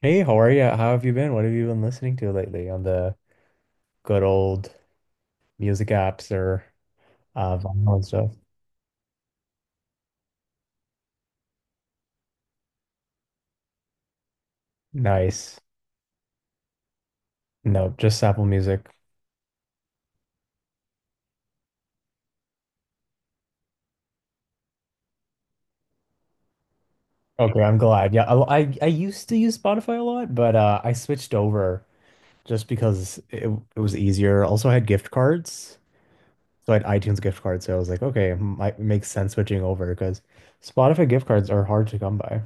Hey, how are you? How have you been? What have you been listening to lately on the good old music apps or vinyl and stuff? Nice. No, just Apple Music. Okay, I'm glad. Yeah, I used to use Spotify a lot, but I switched over just because it was easier. Also, I had gift cards, so I had iTunes gift cards. So I was like, okay, might makes sense switching over because Spotify gift cards are hard to come by.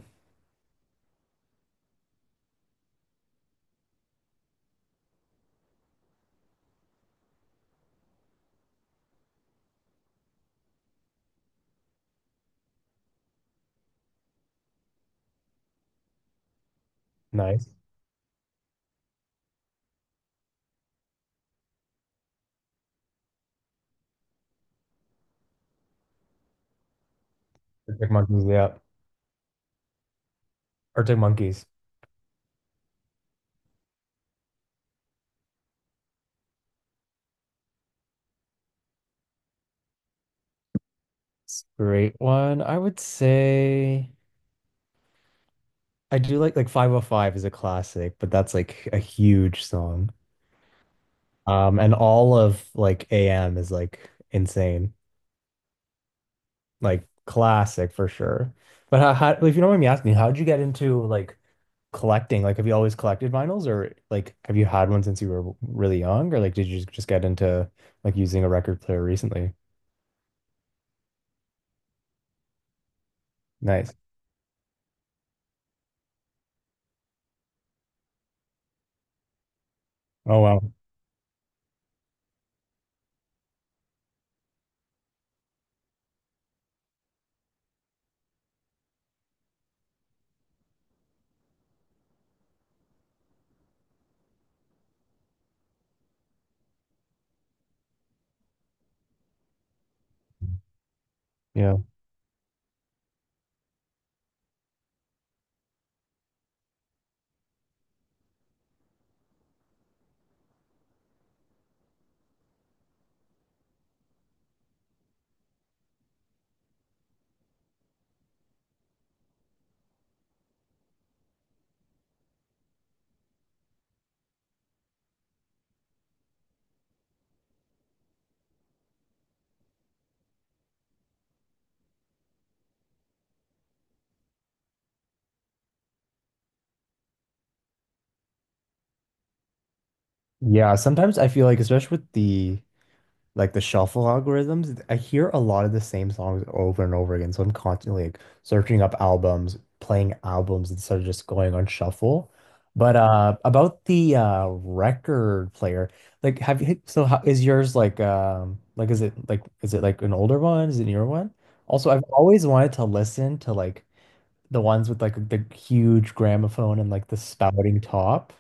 Nice. Arctic Monkeys, yeah. Arctic Monkeys. Great one. I would say. I do like 505 is a classic, but that's like a huge song. And all of like AM is like insane, like classic for sure. But how if you don't mind me asking, how did you get into like collecting? Like, have you always collected vinyls, or like have you had one since you were really young, or like did you just get into like using a record player recently? Nice. Oh wow. Yeah. Yeah, sometimes I feel like, especially with the like the shuffle algorithms, I hear a lot of the same songs over and over again. So I'm constantly like searching up albums, playing albums instead of just going on shuffle. But about the record player, like have you so how is yours like is it like is it like an older one? Is it a newer one? Also, I've always wanted to listen to like the ones with like the huge gramophone and like the spouting top.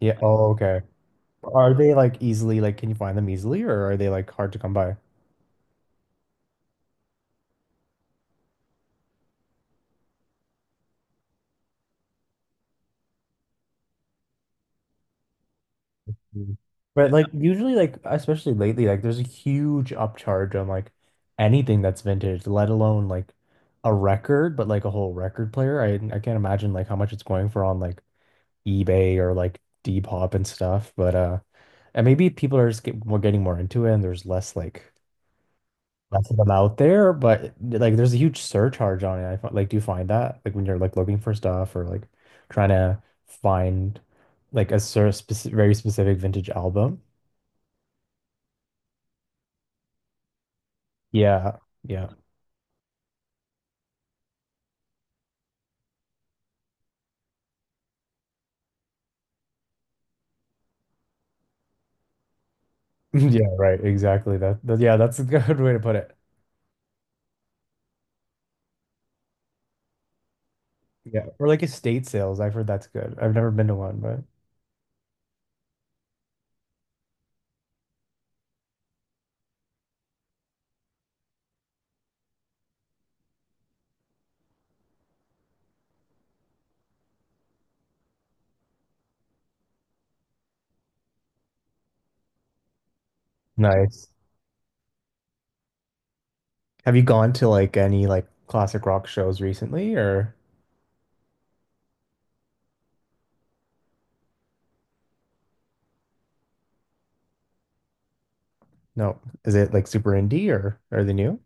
Yeah. Oh, okay. Are they like easily like can you find them easily or are they like hard to come by? Mm. But like usually like especially lately like there's a huge upcharge on like anything that's vintage, let alone like a record, but like a whole record player. I can't imagine like how much it's going for on like eBay or like Depop and stuff. But and maybe people are just get, more getting more into it and there's less like less of them out there, but like there's a huge surcharge on it. Like do you find that like when you're like looking for stuff or like trying to find like a sort of speci very specific vintage album? Yeah, yeah, yeah. Right, exactly. Yeah, that's a good way to put it. Yeah, or like estate sales. I've heard that's good. I've never been to one, but nice. Have you gone to like any like classic rock shows recently, or no? Is it like super indie, or are they new?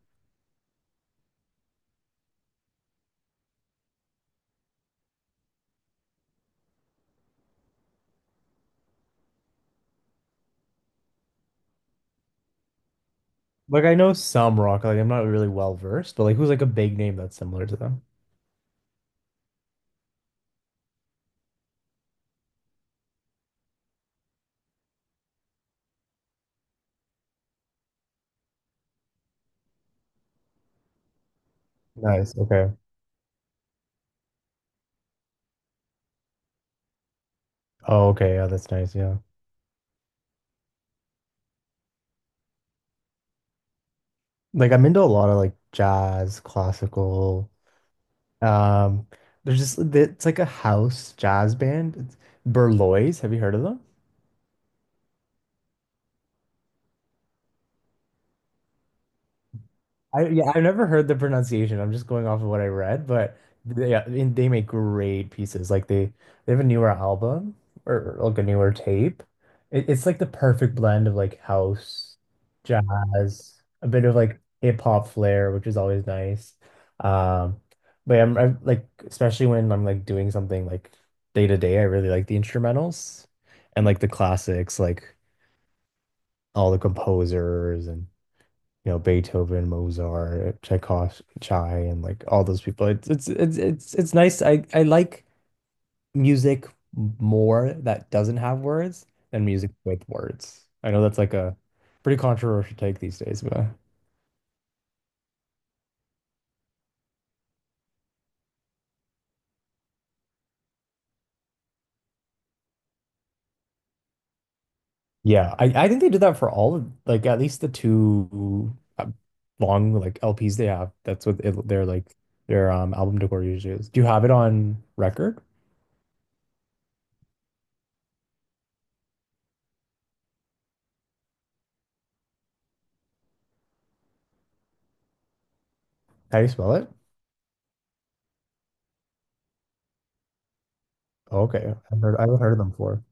Like I know some rock. Like I'm not really well versed, but like who's like a big name that's similar to them? Nice. Okay. Oh, okay. Yeah, that's nice. Yeah. Like I'm into a lot of like jazz, classical. Um, there's just it's like a house jazz band. It's Berlois. Have you heard of them? I yeah, I've never heard the pronunciation. I'm just going off of what I read, but they, yeah, I they make great pieces. Like they have a newer album or like a newer tape. It's like the perfect blend of like house, jazz, a bit of like hip hop flair, which is always nice. Um, but I'm like especially when I'm like doing something like day to day, I really like the instrumentals and like the classics, like all the composers and you know Beethoven, Mozart, Tchaikovsky, Chai, and like all those people. It's nice. I like music more that doesn't have words than music with words. I know that's like a pretty controversial take these days, but yeah, I think they did that for all of like at least the two long like LPs they have. That's what their like their album decor usually is. Do you have it on record? How do you spell it? Okay, I've heard of them before.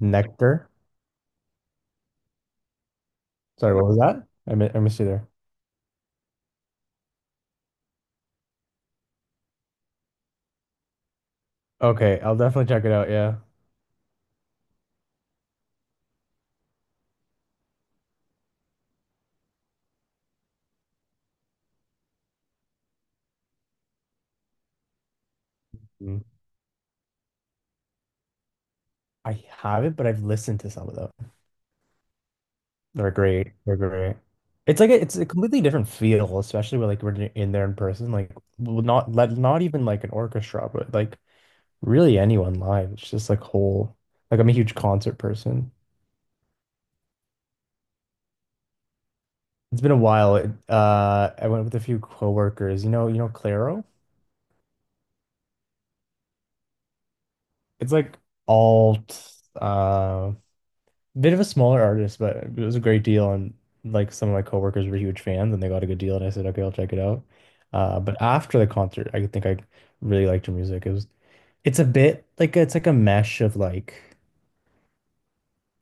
Nectar. Sorry, what was that? I missed you there. Okay, I'll definitely check it out. Yeah. Mm. I haven't, but I've listened to some of them. They're great. They're great. It's like a, it's a completely different feel, especially when like we're in there in person. Like well, not let not even like an orchestra, but like really anyone live. It's just like whole. Like I'm a huge concert person. It's been a while. It, I went with a few coworkers. You know, Clairo. It's like alt. Bit of a smaller artist, but it was a great deal. And like some of my coworkers were huge fans and they got a good deal. And I said, okay, I'll check it out. But after the concert, I think I really liked her music. It's a bit like it's like a mesh of like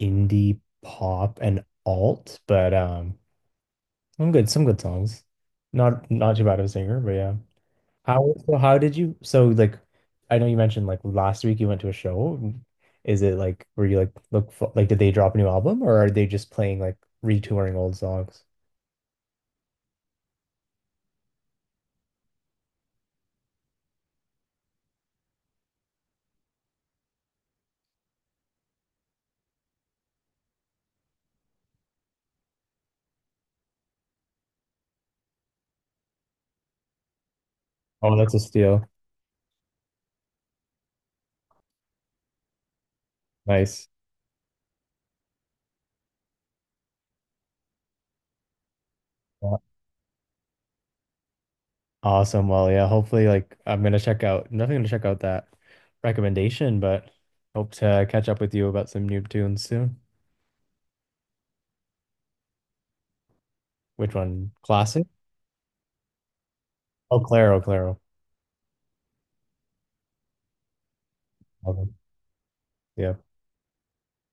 indie pop and alt, but some good songs. Not too bad of a singer, but yeah. How did you like I know you mentioned like last week you went to a show. Is it like were you like like did they drop a new album or are they just playing like retouring old songs? Oh, that's a steal. Nice. Yeah. Awesome. Well, yeah, hopefully like I'm gonna check out nothing gonna check out that recommendation, but hope to catch up with you about some new tunes soon. Which one? Classic? Oh, Claro, Claro. Love 'em. Yeah.